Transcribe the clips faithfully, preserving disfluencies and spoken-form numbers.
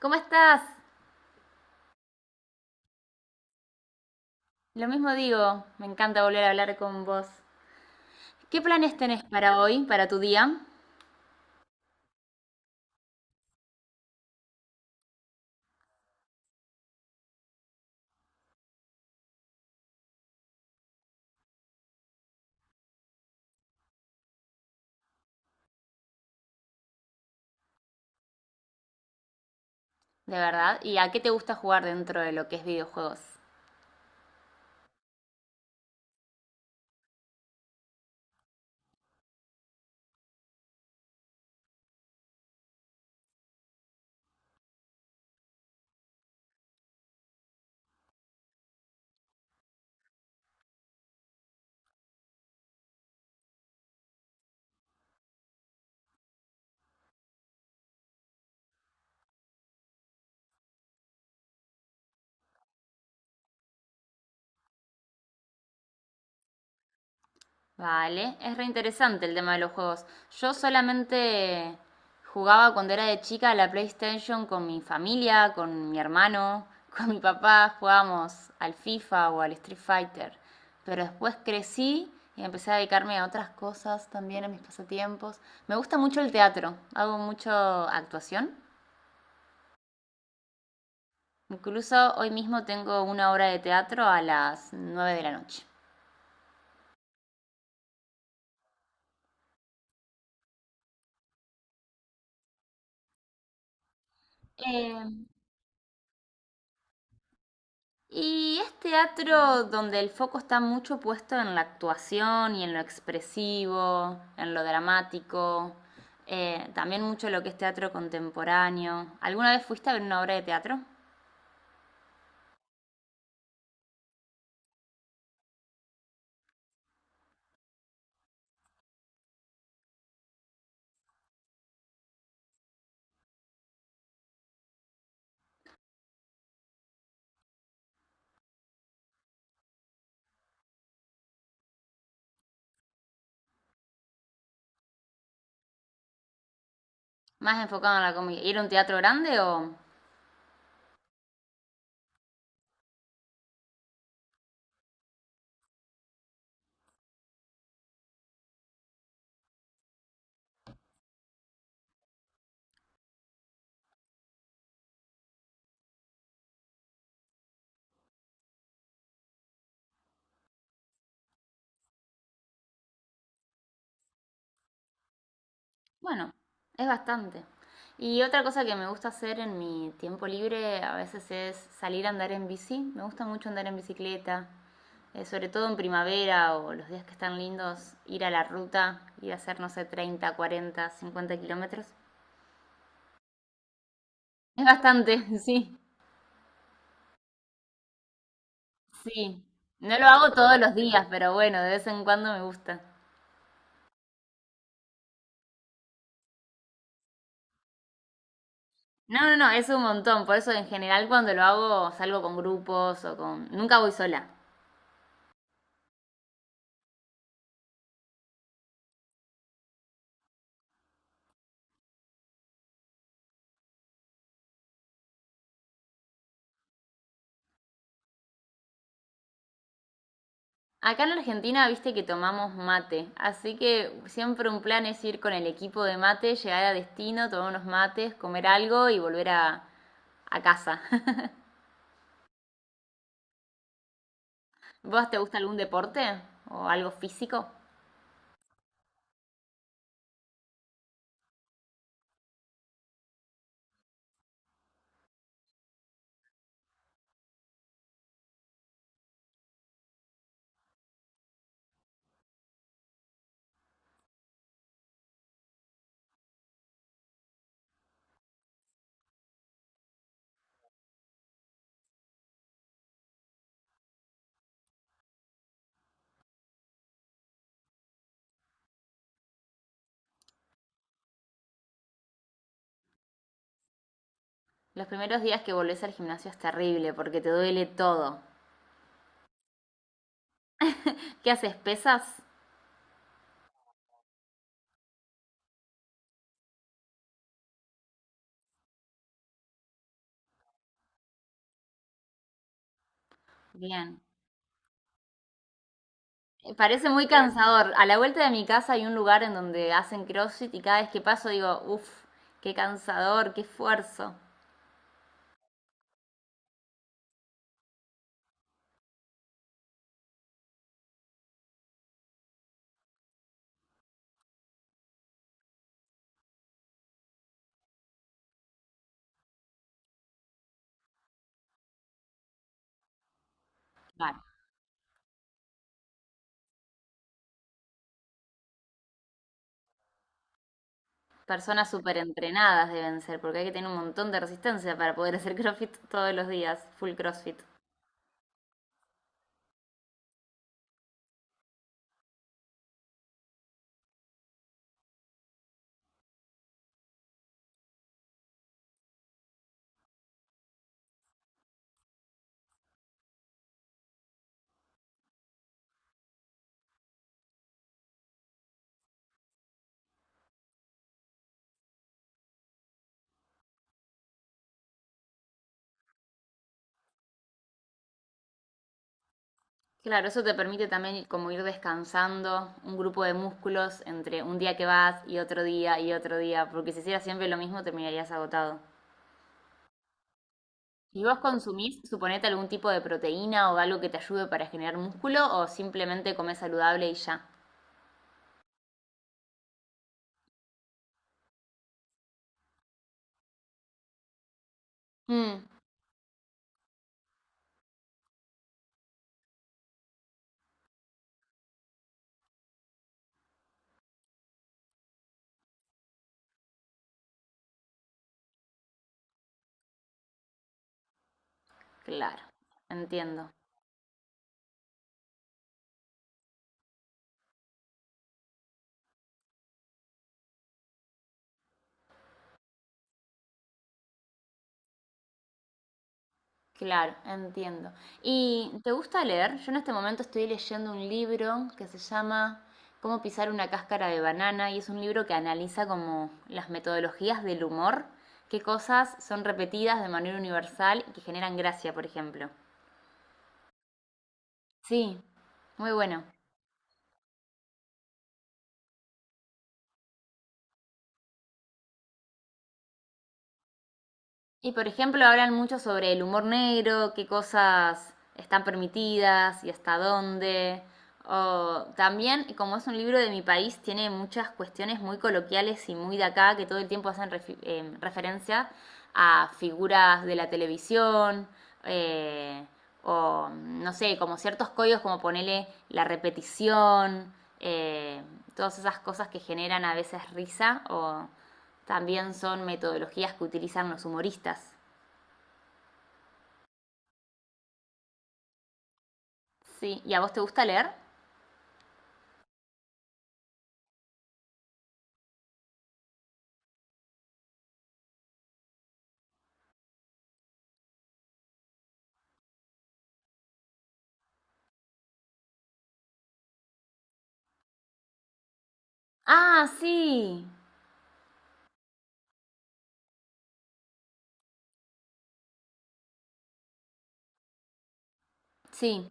¿Cómo estás? Lo mismo digo, me encanta volver a hablar con vos. ¿Qué planes tenés para hoy, para tu día? De verdad, ¿y a qué te gusta jugar dentro de lo que es videojuegos? Vale, es re interesante el tema de los juegos. Yo solamente jugaba cuando era de chica a la PlayStation con mi familia, con mi hermano, con mi papá, jugábamos al FIFA o al Street Fighter. Pero después crecí y empecé a dedicarme a otras cosas también, a mis pasatiempos. Me gusta mucho el teatro, hago mucho actuación. Incluso hoy mismo tengo una obra de teatro a las nueve de la noche. Eh, Y es teatro donde el foco está mucho puesto en la actuación y en lo expresivo, en lo dramático, eh, también mucho lo que es teatro contemporáneo. ¿Alguna vez fuiste a ver una obra de teatro? Más enfocado en la comedia. ¿Y era un teatro grande o...? Bueno, es bastante. Y otra cosa que me gusta hacer en mi tiempo libre a veces es salir a andar en bici. Me gusta mucho andar en bicicleta, eh, sobre todo en primavera o los días que están lindos, ir a la ruta, ir a hacer, no sé, treinta, cuarenta, cincuenta kilómetros. Es bastante, sí, sí. No lo hago todos los días, pero bueno, de vez en cuando me gusta. No, no, no, es un montón. Por eso en general cuando lo hago salgo con grupos o con... Nunca voy sola. Acá en Argentina, viste que tomamos mate, así que siempre un plan es ir con el equipo de mate, llegar a destino, tomar unos mates, comer algo y volver a, a casa. ¿Vos te gusta algún deporte o algo físico? Los primeros días que volvés al gimnasio es terrible porque te duele todo. ¿Qué haces? ¿Pesas? Bien. Eh, Parece muy, Claro. cansador. A la vuelta de mi casa hay un lugar en donde hacen CrossFit y cada vez que paso digo, uff, qué cansador, qué esfuerzo. Bueno, Personas súper entrenadas deben ser, porque hay que tener un montón de resistencia para poder hacer CrossFit todos los días, full CrossFit. Claro, eso te permite también como ir descansando un grupo de músculos entre un día que vas y otro día y otro día, porque si hicieras siempre lo mismo terminarías agotado. ¿Y vos consumís, suponete, algún tipo de proteína o algo que te ayude para generar músculo o simplemente comés saludable y ya? Mm, claro, entiendo. Claro, entiendo. ¿Y te gusta leer? Yo en este momento estoy leyendo un libro que se llama Cómo pisar una cáscara de banana y es un libro que analiza como las metodologías del humor, qué cosas son repetidas de manera universal y que generan gracia, por ejemplo. Sí, muy bueno. Y por ejemplo, hablan mucho sobre el humor negro, qué cosas están permitidas y hasta dónde. O también, como es un libro de mi país, tiene muchas cuestiones muy coloquiales y muy de acá que todo el tiempo hacen refi- em, referencia a figuras de la televisión, eh, o, mm, no sé, como ciertos códigos como ponele la repetición, eh, todas esas cosas que generan a veces risa o también son metodologías que utilizan los humoristas. Sí, ¿y a vos te gusta leer? Ah, sí. Sí,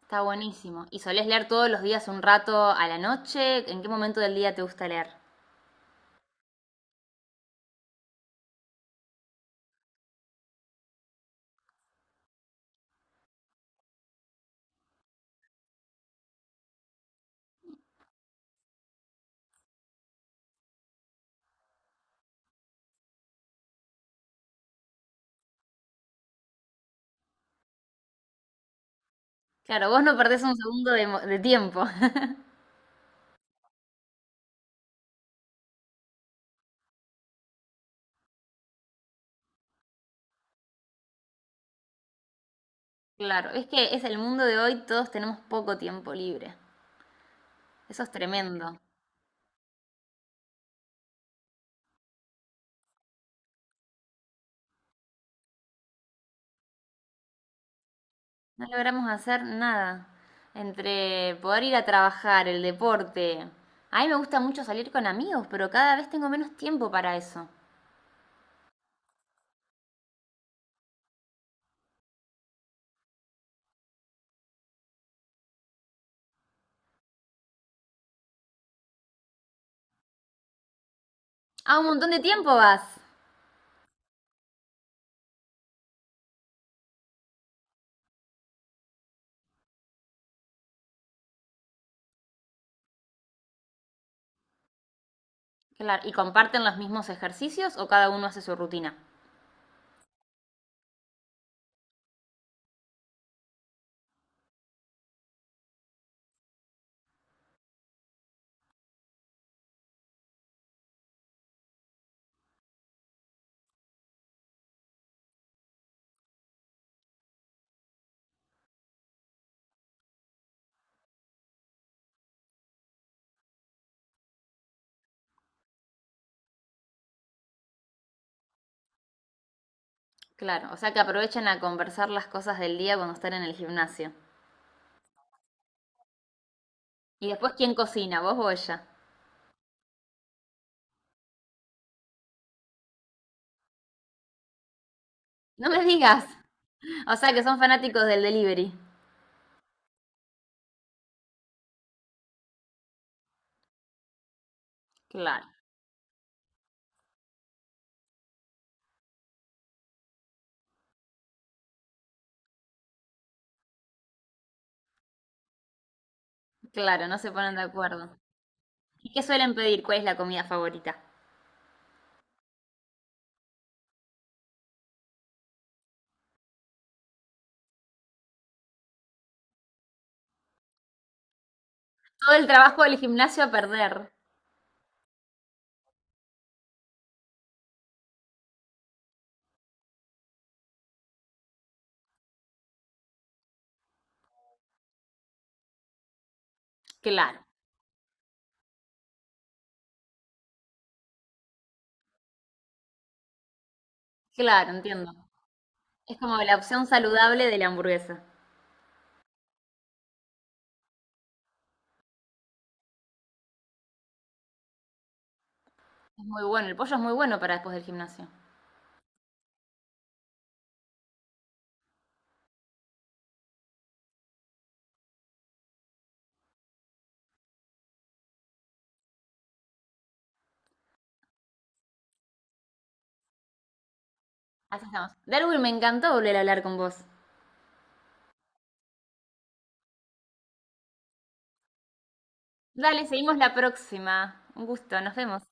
está buenísimo. ¿Y solés leer todos los días un rato a la noche? ¿En qué momento del día te gusta leer? Claro, vos no perdés un segundo de, mo- de tiempo. Claro, es que es el mundo de hoy, todos tenemos poco tiempo libre. Eso es tremendo. No logramos hacer nada. Entre poder ir a trabajar, el deporte. A mí me gusta mucho salir con amigos, pero cada vez tengo menos tiempo para eso. Ah, un montón de tiempo vas. Claro, ¿y comparten los mismos ejercicios o cada uno hace su rutina? Claro, o sea que aprovechan a conversar las cosas del día cuando están en el gimnasio. Y después, ¿quién cocina, vos o ella? No me digas. O sea que son fanáticos del delivery. Claro, claro, no se ponen de acuerdo. ¿Y qué suelen pedir? ¿Cuál es la comida favorita? Todo el trabajo del gimnasio a perder. Claro, claro, entiendo. Es como la opción saludable de la hamburguesa. Es muy bueno, el pollo es muy bueno para después del gimnasio. Así estamos. Darwin, me encantó volver a hablar con vos. Dale, seguimos la próxima. Un gusto, nos vemos.